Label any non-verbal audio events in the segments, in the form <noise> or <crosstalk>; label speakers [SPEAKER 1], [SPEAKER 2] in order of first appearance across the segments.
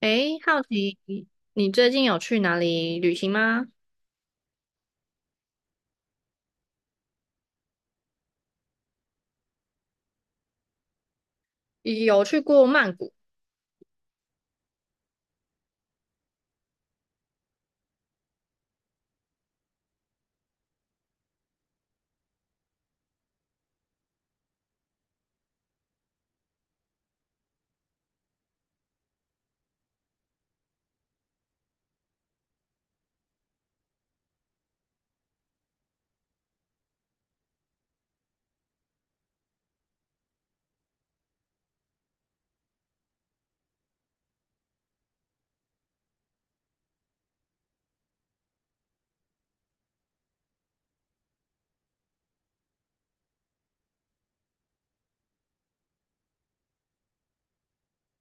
[SPEAKER 1] 诶，好奇你最近有去哪里旅行吗？有去过曼谷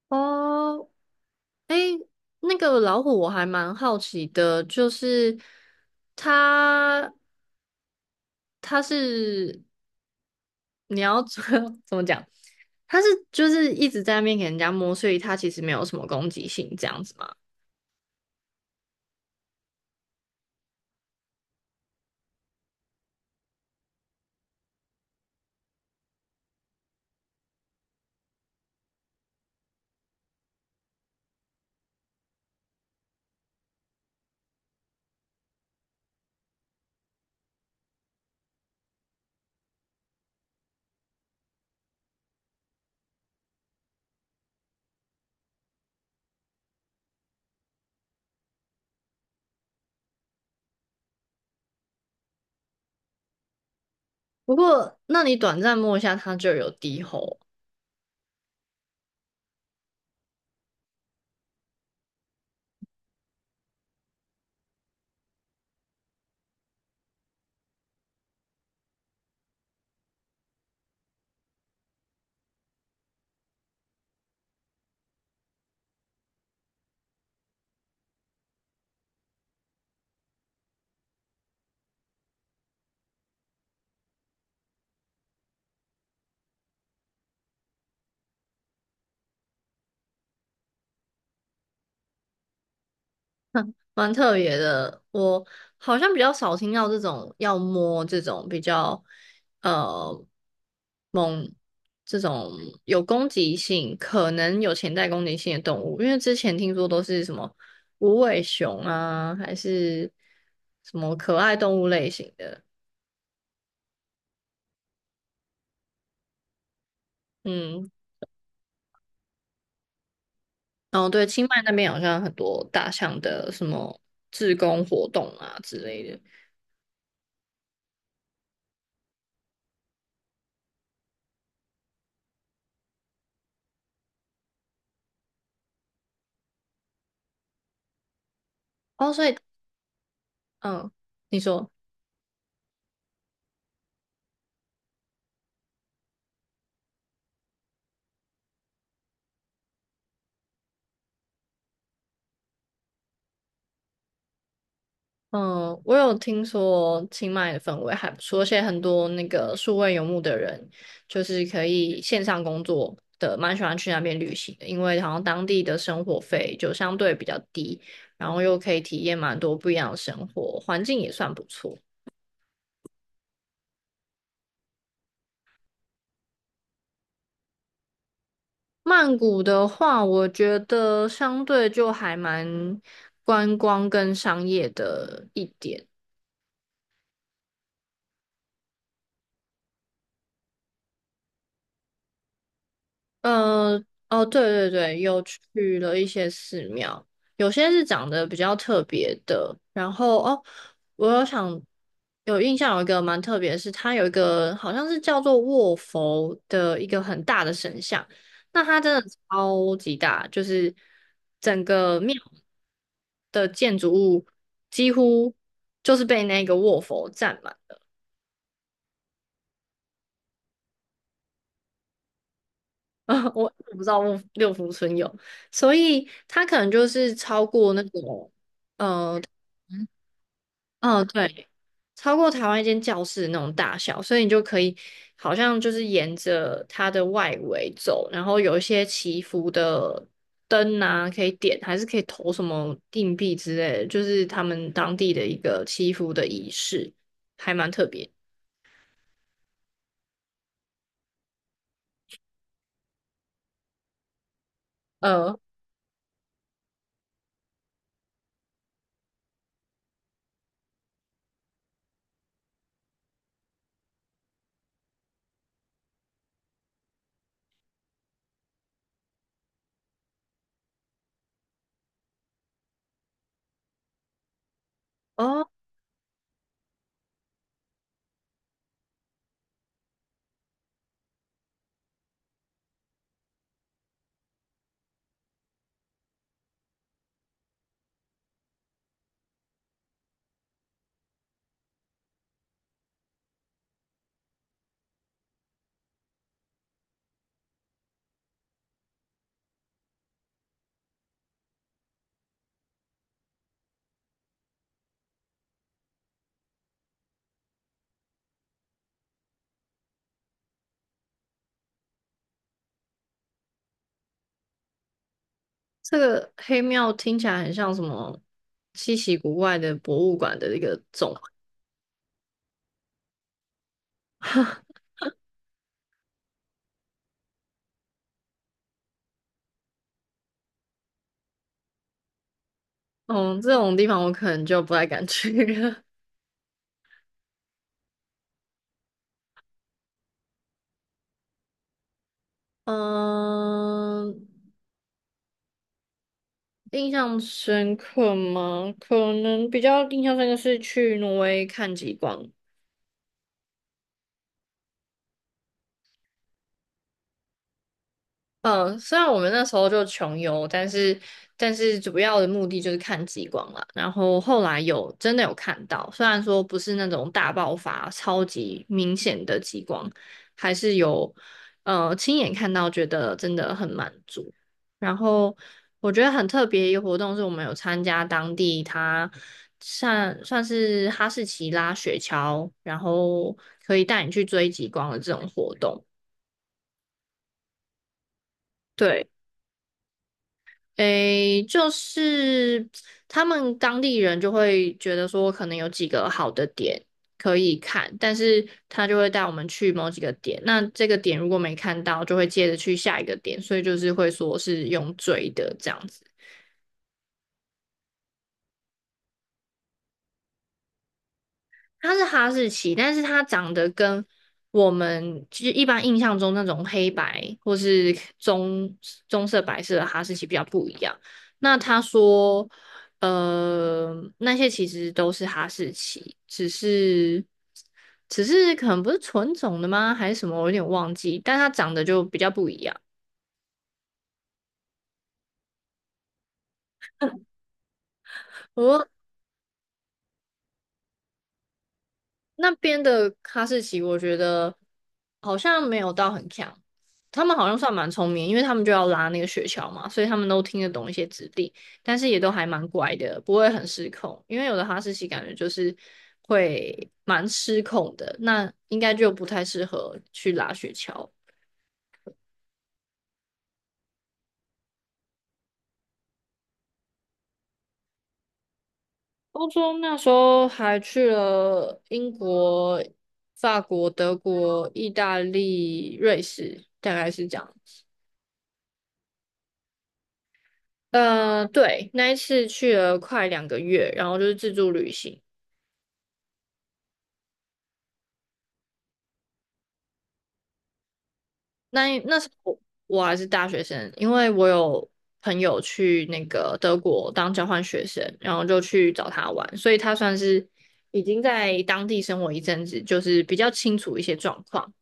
[SPEAKER 1] 哦。诶，那个老虎我还蛮好奇的，就是它它是你要 <laughs> 怎么讲？它是就是一直在那边给人家摸，所以它其实没有什么攻击性这样子嘛。不过，那你短暂摸一下它就有低吼。<laughs> 蛮特别的，我好像比较少听到这种要摸这种比较呃猛这种有攻击性，可能有潜在攻击性的动物，因为之前听说都是什么无尾熊啊，还是什么可爱动物类型的。嗯，哦对，清迈那边好像很多大象的什么自工活动啊之类的。哦，所以嗯，你说。嗯，我有听说清迈的氛围还不错，而且很多那个数位游牧的人，就是可以线上工作的，蛮喜欢去那边旅行的，因为好像当地的生活费就相对比较低，然后又可以体验蛮多不一样的生活，环境也算不错。曼谷的话，我觉得相对就还蛮观光跟商业的一点。嗯，哦，对对对，有去了一些寺庙，有些是长得比较特别的。然后哦，我有想有印象有一个蛮特别的是，它有一个好像是叫做卧佛的一个很大的神像，那它真的超级大，就是整个庙的建筑物几乎就是被那个卧佛占满。<laughs> 我不知道六福村有，所以它可能就是超过那种，呃，嗯，哦对，超过台湾一间教室那种大小，所以你就可以好像就是沿着它的外围走，然后有一些祈福的灯啊，可以点，还是可以投什么硬币之类的，就是他们当地的一个祈福的仪式，还蛮特别。呃，哦。这个黑庙听起来很像什么稀奇古怪的博物馆的一个总和。嗯，这种地方我可能就不太敢去了。<laughs> 嗯，印象深刻吗？可能比较印象深刻是去挪威看极光。嗯，虽然我们那时候就穷游，但是主要的目的就是看极光了。然后后来有真的有看到，虽然说不是那种大爆发、超级明显的极光，还是有亲眼看到，觉得真的很满足。然后我觉得很特别一个活动是我们有参加当地它算是哈士奇拉雪橇，然后可以带你去追极光的这种活动。对。诶，就是他们当地人就会觉得说，可能有几个好的点可以看，但是他就会带我们去某几个点。那这个点如果没看到，就会接着去下一个点，所以就是会说是用追的这样子。它是哈士奇，但是它长得跟我们就是一般印象中那种黑白或是棕色、白色的哈士奇比较不一样。那他说，那些其实都是哈士奇，只是可能不是纯种的吗？还是什么？我有点忘记，但它长得就比较不一样。我那边的哈士奇，我觉得好像没有到很强，他们好像算蛮聪明，因为他们就要拉那个雪橇嘛，所以他们都听得懂一些指令，但是也都还蛮乖的，不会很失控。因为有的哈士奇感觉就是会蛮失控的，那应该就不太适合去拉雪橇。欧洲那时候还去了英国、法国、德国、意大利、瑞士，大概是这样。子。对，那一次去了快2个月，然后就是自助旅行。那时候我还是大学生，因为我有朋友去那个德国当交换学生，然后就去找他玩，所以他算是已经在当地生活一阵子，就是比较清楚一些状况。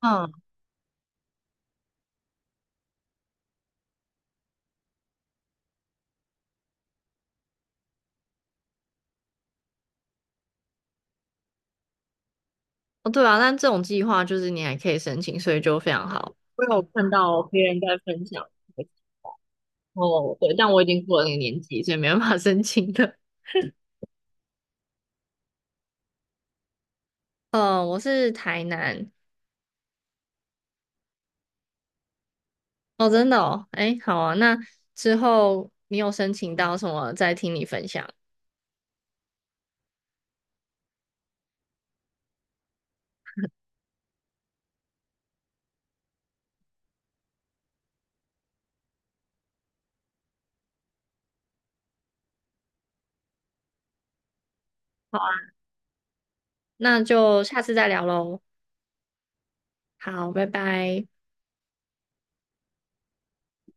[SPEAKER 1] 嗯，哦，对啊，但这种计划就是你还可以申请，所以就非常好。我有看到别人在分享，哦，对，但我已经过了那个年纪，所以没办法 <laughs> 申请的。我是台南。哦，真的哦，哎，好啊，那之后你有申请到什么，再听你分享。好啊，那就下次再聊喽。好，拜拜。